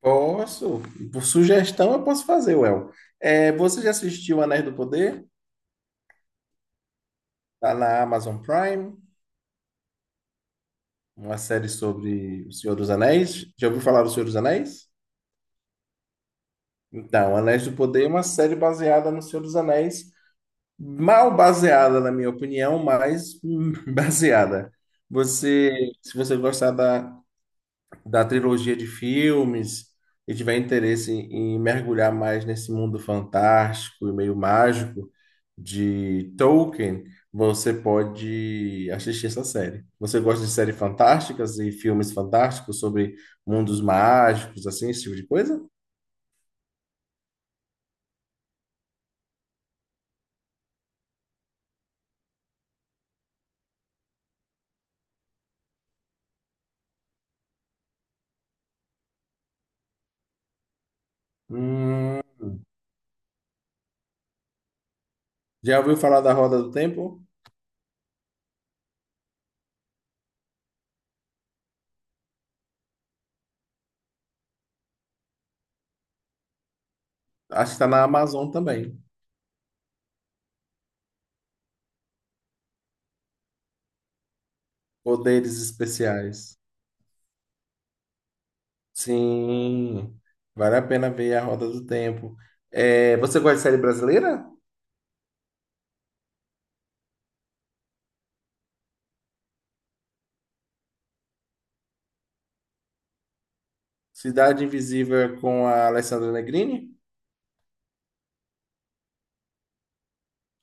Posso. Por sugestão, eu posso fazer, Well. É, você já assistiu Anéis do Poder? Tá na Amazon Prime, uma série sobre o Senhor dos Anéis. Já ouviu falar do Senhor dos Anéis? Então, Anéis do Poder é uma série baseada no Senhor dos Anéis, mal baseada, na minha opinião, mas baseada. Você, se você gostar da, da trilogia de filmes e tiver interesse em mergulhar mais nesse mundo fantástico e meio mágico de Tolkien, você pode assistir essa série. Você gosta de séries fantásticas e filmes fantásticos sobre mundos mágicos, assim, esse tipo de coisa? Hum, já ouviu falar da Roda do Tempo? Acho que está na Amazon também. Poderes especiais. Sim, vale a pena ver a Roda do Tempo. É, você gosta de série brasileira? Cidade Invisível é com a Alessandra Negrini,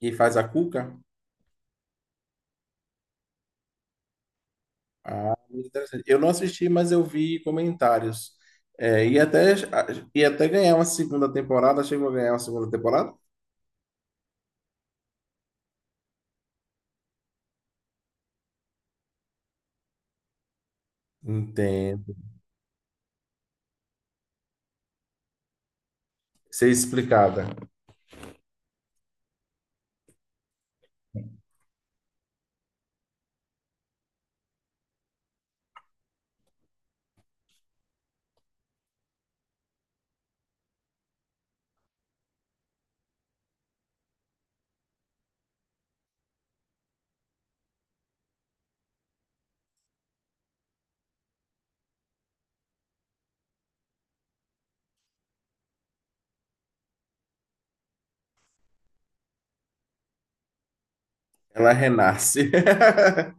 que faz a Cuca. Ah, muito interessante. Eu não assisti, mas eu vi comentários. É, e até, e até ganhar uma segunda temporada, chegou a ganhar uma segunda temporada? Entendo. Ser explicada. Ela renasce.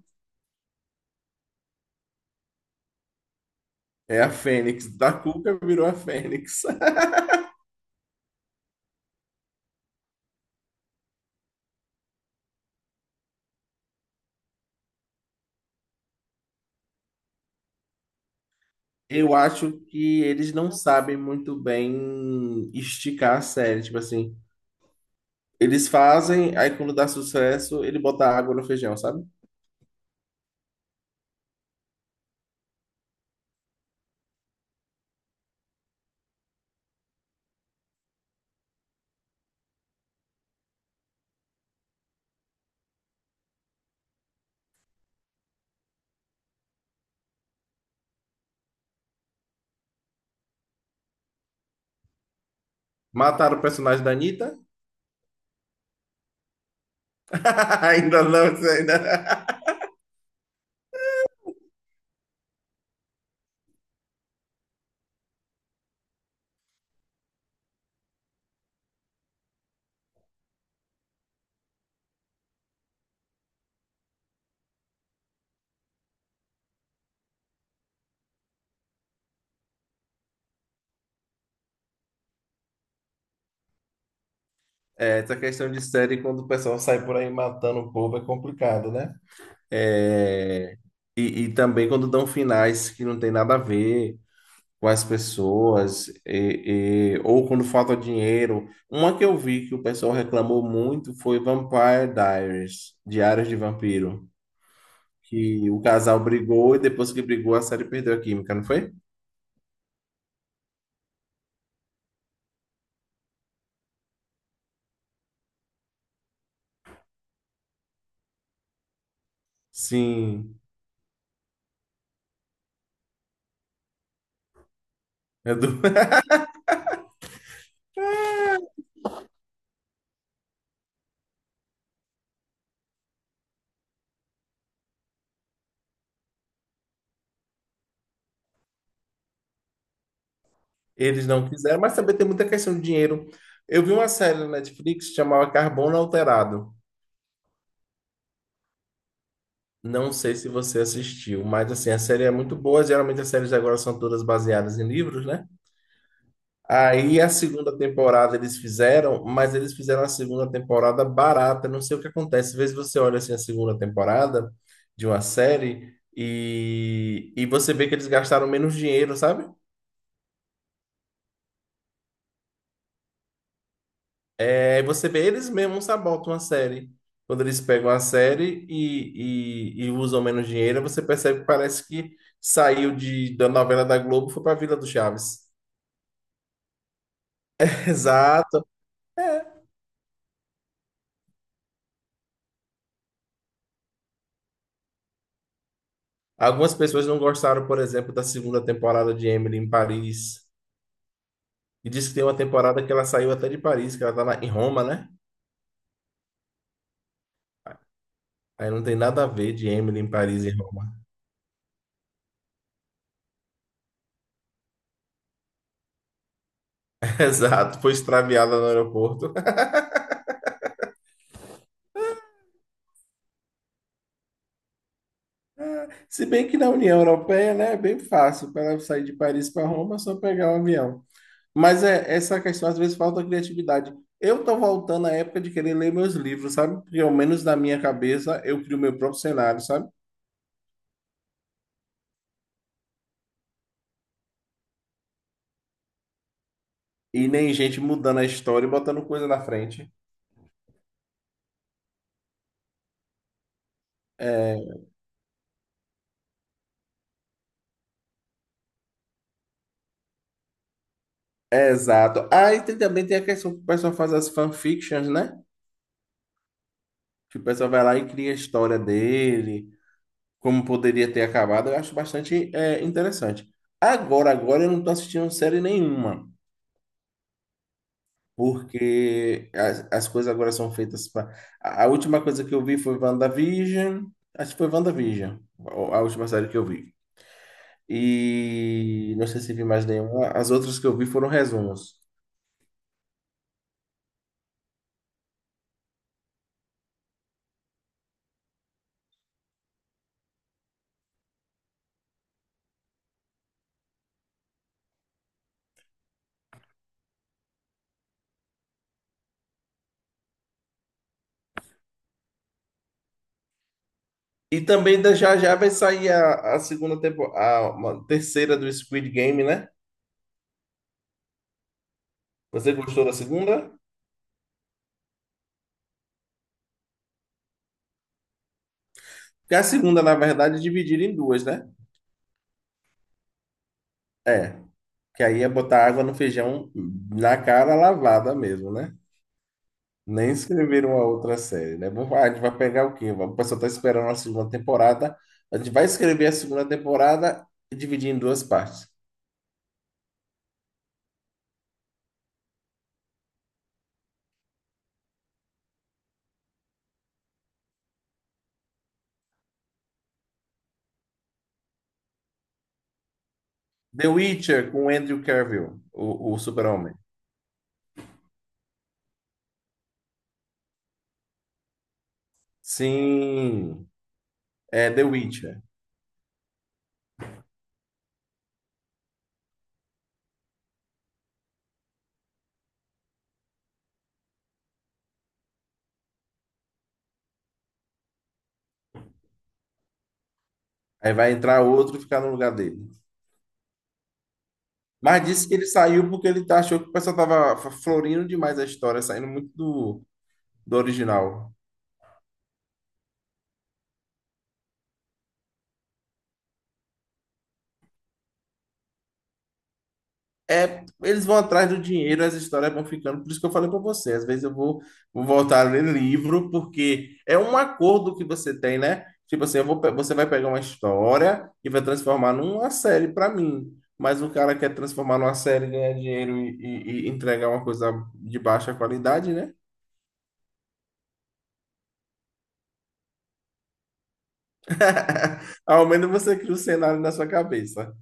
É a Fênix. Da Cuca virou a Fênix. Eu acho que eles não sabem muito bem esticar a série. Tipo assim, eles fazem, aí quando dá sucesso, ele bota água no feijão, sabe? Mataram o personagem da Anitta? Ainda não, isso ainda. É, essa questão de série, quando o pessoal sai por aí matando o povo, é complicado, né? É, E, e também quando dão finais que não tem nada a ver com as pessoas, ou quando falta dinheiro. Uma que eu vi que o pessoal reclamou muito foi Vampire Diaries, Diários de Vampiro, que o casal brigou e depois que brigou a série perdeu a química, não foi? Sim, é do- eles não quiseram, mas também tem muita questão de dinheiro. Eu vi uma série na Netflix chamada chamava Carbono Alterado. Não sei se você assistiu, mas assim, a série é muito boa. Geralmente as séries agora são todas baseadas em livros, né? Aí a segunda temporada eles fizeram, mas eles fizeram a segunda temporada barata. Não sei o que acontece. Às vezes você olha assim a segunda temporada de uma série e você vê que eles gastaram menos dinheiro, sabe? Aí você vê eles mesmos sabotam a série. Quando eles pegam a série e usam menos dinheiro, você percebe que parece que saiu da novela da Globo e foi para Vila do Chaves. Exato. É. Algumas pessoas não gostaram, por exemplo, da segunda temporada de Emily em Paris. E disse que tem uma temporada que ela saiu até de Paris, que ela tá lá em Roma, né? Aí não tem nada a ver de Emily em Paris e Roma. Exato, foi extraviada no aeroporto. Se bem que na União Europeia, né, é bem fácil para ela sair de Paris para Roma, é só pegar um avião. Mas é essa questão, às vezes falta criatividade. Eu tô voltando à época de querer ler meus livros, sabe? Porque ao menos na minha cabeça eu crio meu próprio cenário, sabe? E nem gente mudando a história e botando coisa na frente. É, é exato. Aí tem, também tem a questão que o pessoal faz as fanfictions, né? Que o pessoal vai lá e cria a história dele, como poderia ter acabado, eu acho bastante é, interessante. Agora eu não estou assistindo série nenhuma, porque as coisas agora são feitas para. A última coisa que eu vi foi WandaVision, acho que foi WandaVision, a, a última série que eu vi. E não sei se vi mais nenhuma, as outras que eu vi foram resumos. E também já já vai sair a segunda temporada, a uma terceira do Squid Game, né? Você gostou da segunda? Porque a segunda, na verdade, é dividida em duas, né? É. Que aí é botar água no feijão na cara lavada mesmo, né? Nem escreveram a outra série, né? Ah, a gente vai pegar o quê? O pessoal tá esperando a segunda temporada. A gente vai escrever a segunda temporada e dividir em duas partes. The Witcher com Andrew Cavill, o super-homem. Sim, é The Witcher. Aí vai entrar outro e ficar no lugar dele. Mas disse que ele saiu porque achou que o pessoal tava florindo demais a história, saindo muito do original. É, eles vão atrás do dinheiro, as histórias vão ficando. Por isso que eu falei para você, às vezes vou voltar a ler livro, porque é um acordo que você tem, né? Tipo assim, você vai pegar uma história e vai transformar numa série para mim. Mas o cara quer transformar numa série, ganhar dinheiro e entregar uma coisa de baixa qualidade, né? Ao menos você cria o cenário na sua cabeça.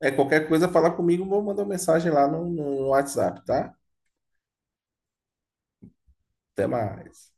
É qualquer coisa, fala comigo, vou mandar uma mensagem lá no WhatsApp, tá? Até mais.